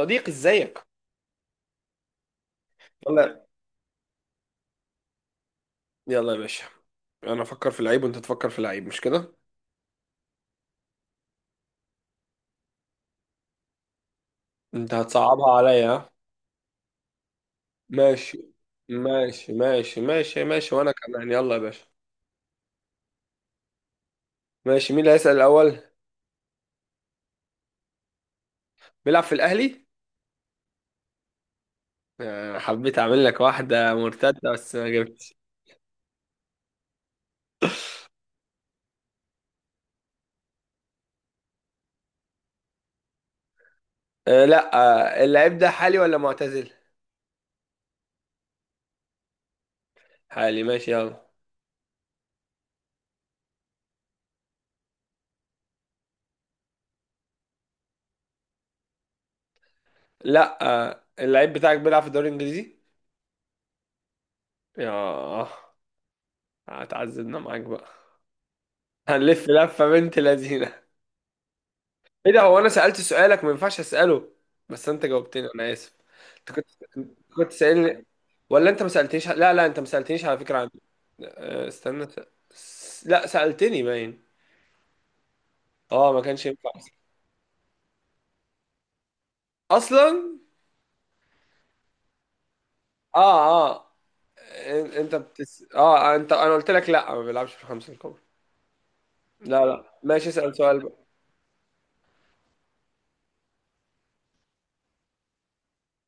صديقي، ازيك؟ يلا، يلا يا باشا. انا افكر في العيب وانت تفكر في العيب، مش كده؟ انت هتصعبها عليا، ها؟ ماشي ماشي ماشي ماشي ماشي، وانا كمان، يلا يا باشا. ماشي، مين اللي هيسأل الاول؟ بيلعب في الاهلي؟ آه، حبيت اعمل لك واحدة مرتدة بس ما جبتش. أه، لا. آه، اللعيب ده حالي ولا معتزل؟ حالي، ماشي، يلا. لا. آه، اللعيب بتاعك بيلعب في الدوري الانجليزي؟ ياه، هتعذبنا معاك بقى. هنلف لفة بنت لذينة. ايه ده، هو انا سألت سؤالك ما ينفعش اسأله؟ بس انت جاوبتني، انا اسف. انت كنت سألني؟ ولا انت ما سألتنيش؟ لا، لا، انت ما سألتنيش على فكرة. عن آه، استنى. لا، سألتني باين. اه، ما كانش ينفع اصلا. اه، اه، انت، انا قلت لك لا، ما بيلعبش في الخمسة الكبرى. لا لا، ماشي، اسأل سؤال بقى.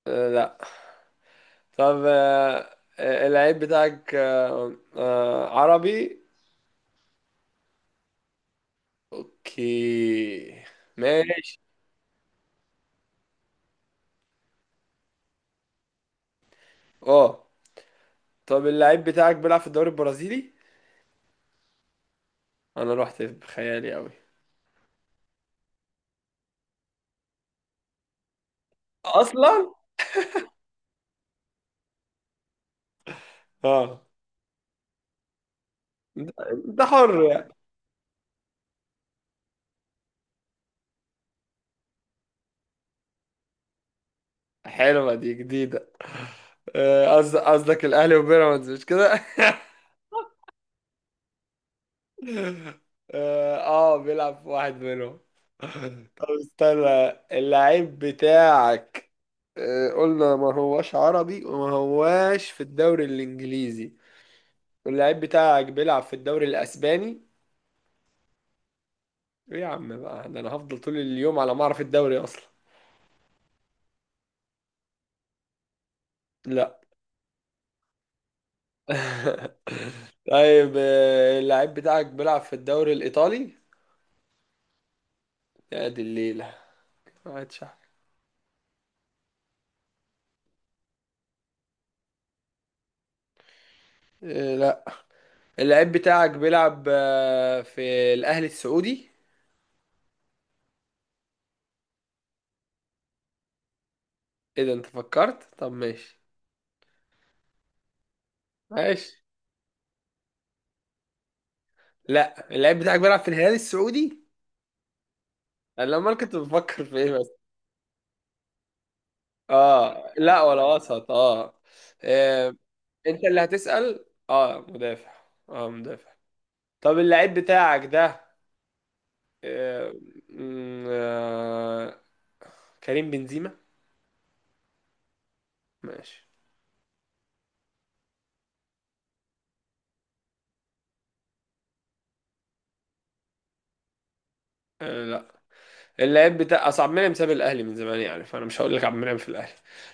آه، لا. طب اللعيب بتاعك عربي؟ اوكي، ماشي. اه، طب اللعيب بتاعك بيلعب في الدوري البرازيلي؟ انا رحت بخيالي قوي اصلا. اه، ده ده حر يعني. حلوه دي جديده. آه، قصدك الاهلي وبيراميدز، مش كده؟ اه. آه، بيلعب في واحد منهم. طب استنى، اللعيب بتاعك قلنا ما هواش عربي وما هواش في الدوري الانجليزي. اللعيب بتاعك بيلعب في الدوري الاسباني؟ ايه يا عم بقى، ده انا هفضل طول اليوم على ما اعرف الدوري اصلا. لا. طيب، اللعيب بتاعك بيلعب في الدوري الايطالي؟ يا دي الليله، قاعد شعر. آه، لا. اللعيب بتاعك بيلعب في الاهلي السعودي؟ ايه ده، انت فكرت، طب ماشي. ماشي. لا. اللعيب بتاعك بيلعب في الهلال السعودي؟ انا امال كنت بفكر في ايه بس. اه، لا ولا وسط، اه. آه، انت اللي هتسأل. اه، مدافع. اه، مدافع. طب اللعيب بتاعك ده آه، م- آه، كريم بنزيما؟ ماشي. آه، لا. اللعيب بتاع، اصل عبد المنعم ساب الاهلي من زمان يعني، فانا مش هقول لك عبد المنعم في الاهلي.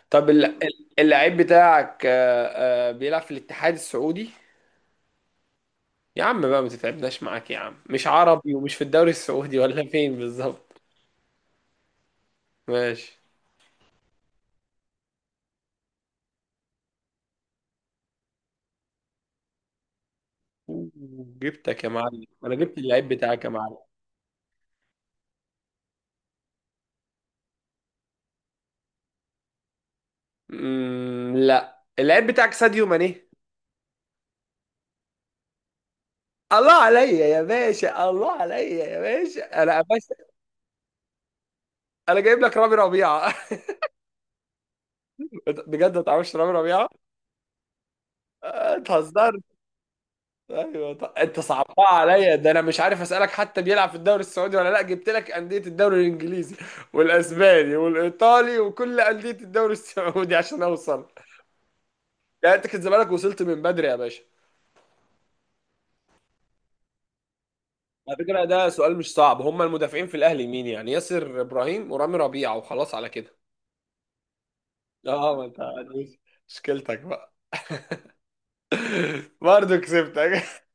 طب اللعيب بتاعك بيلعب في الاتحاد السعودي؟ يا عم بقى ما تتعبناش معاك يا عم، مش عربي ومش في الدوري السعودي ولا فين بالظبط؟ ماشي. أوه، جبتك يا معلم، انا جبت اللعيب بتاعك يا معلم. مم، لا، اللعيب بتاعك ساديو ماني؟ الله عليا يا باشا، الله عليا يا باشا، انا يا باشا. انا جايب لك رامي ربيعه. بجد ما تعرفش رامي ربيعه؟ آه، اتهزرت. ايوه، انت صعبتها عليا، ده انا مش عارف اسالك حتى بيلعب في الدوري السعودي ولا لا، جبت لك انديه الدوري الانجليزي والاسباني والايطالي وكل انديه الدوري السعودي عشان اوصل. لا، انت كنت زمانك وصلت من بدري يا باشا. على فكره، ده سؤال مش صعب، هم المدافعين في الاهلي مين يعني؟ ياسر ابراهيم ورامي ربيعه، وخلاص على كده. اه، ما انت مشكلتك بقى. برضه كسبتك.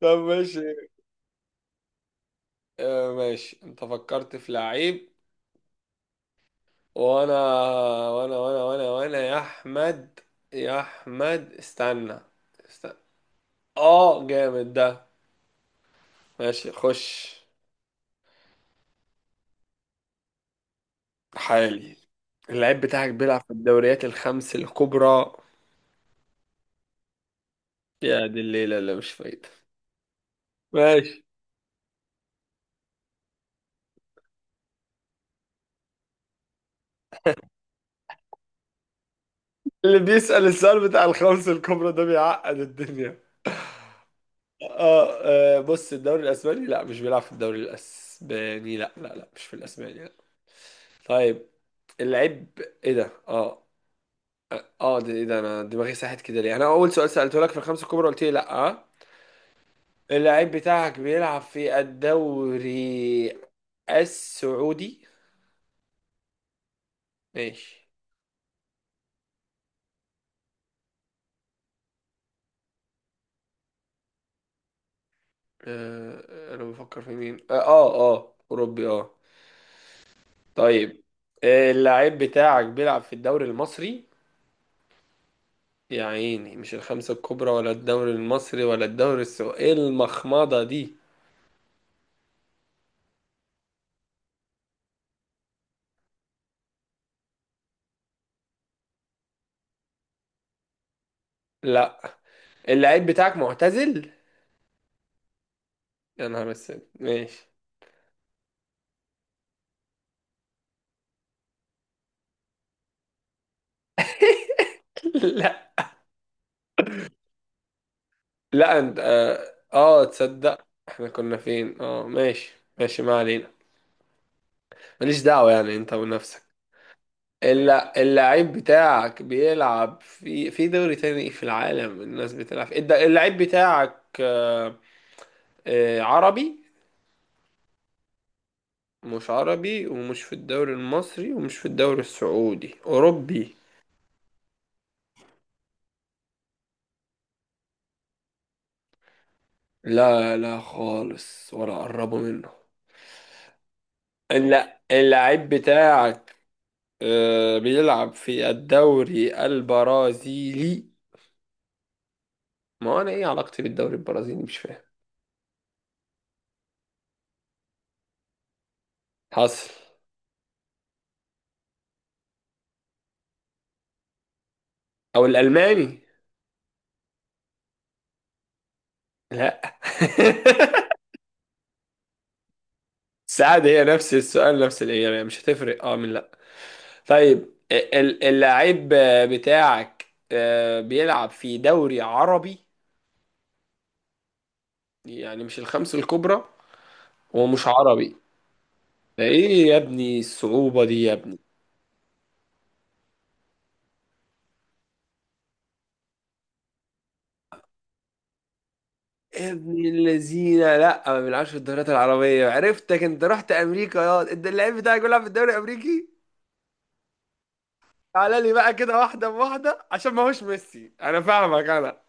طب ماشي. آه ماشي، انت فكرت في لعيب، وانا وانا يا احمد، يا احمد، استنى استنى. اه، جامد ده. ماشي، خش. حالي. اللعيب بتاعك بيلعب في الدوريات الخمس الكبرى؟ يا دي الليلة اللي مش فايدة. ماشي. اللي بيسأل السؤال بتاع الخمس الكبرى ده بيعقد الدنيا. اه. آه، بص الدوري الاسباني لا، مش بيلعب في الدوري الاسباني، لا لا لا، مش في الاسباني، لا. طيب اللعيب، ايه ده؟ اه اه، ده ايه ده، انا دماغي ساحت كده ليه؟ انا اول سؤال سالته لك في الخمسه الكبرى قلت لي لا، آه. اللعيب بتاعك بيلعب في الدوري السعودي؟ ماشي. انا بفكر في مين، اوروبي، اه. طيب، اللعيب بتاعك بيلعب في الدوري المصري؟ يا عيني، مش الخمسة الكبرى ولا الدوري المصري ولا الدوري السعودي، ايه المخمضة دي؟ لا. اللعيب بتاعك معتزل؟ يا نهار اسود، ماشي. لا، لا. انت تصدق احنا كنا فين، ماشي. ماشي، ما علينا. ماليش دعوة يعني، انت ونفسك. الا، اللعيب بتاعك بيلعب في دوري تاني في العالم، الناس بتلعب في اللعيب بتاعك عربي؟ مش عربي ومش في الدوري المصري ومش في الدوري السعودي، أوروبي؟ لا، لا خالص، ولا قربوا منه. لا. اللاعب بتاعك بيلعب في الدوري البرازيلي؟ ما هو انا ايه علاقتي بالدوري البرازيلي، مش فاهم. حصل. او الالماني؟ لا. سعد، هي نفس السؤال نفس الاجابه، مش هتفرق اه من لا. طيب، اللاعب بتاعك بيلعب في دوري عربي؟ يعني مش الخمس الكبرى ومش عربي، ده ايه يا ابني، الصعوبة دي يا ابني. يا ابني الذين لا ما بيلعبش في الدوريات العربية، عرفتك، انت رحت امريكا، يا انت اللعيب بتاعك بيلعب في الدوري الامريكي؟ تعالى لي بقى كده واحدة بواحدة، عشان ما هوش ميسي، انا فاهمك انا.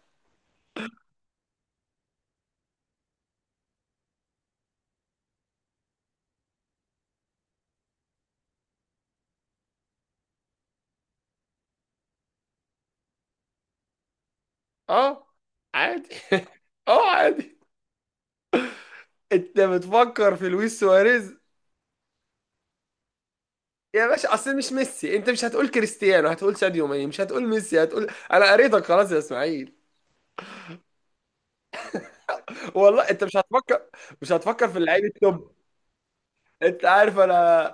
اه، عادي. اه، عادي. انت بتفكر في لويس سواريز؟ يا باشا، اصل مش ميسي، انت مش هتقول كريستيانو، هتقول ساديو ماني، مش هتقول ميسي، هتقول، انا قريتك خلاص يا اسماعيل. والله انت مش هتفكر في اللعيب التوب. انت عارف انا.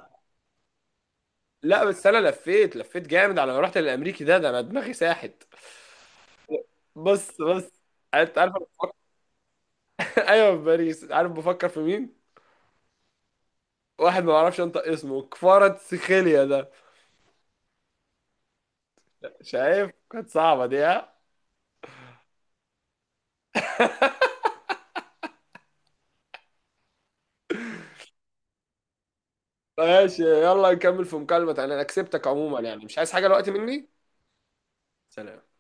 لا، بس انا لفيت لفيت جامد على ما رحت للامريكي ده انا دماغي ساحت. بص بص، انت عارف انا بفكر. ايوه، في باريس. عارف بفكر في مين؟ واحد ما بعرفش انطق اسمه، كفارة سيخيليا ده. شايف كانت صعبة دي، ها؟ ماشي، يلا نكمل في مكالمة تانية، انا كسبتك عموما يعني، مش عايز حاجة دلوقتي مني. سلام.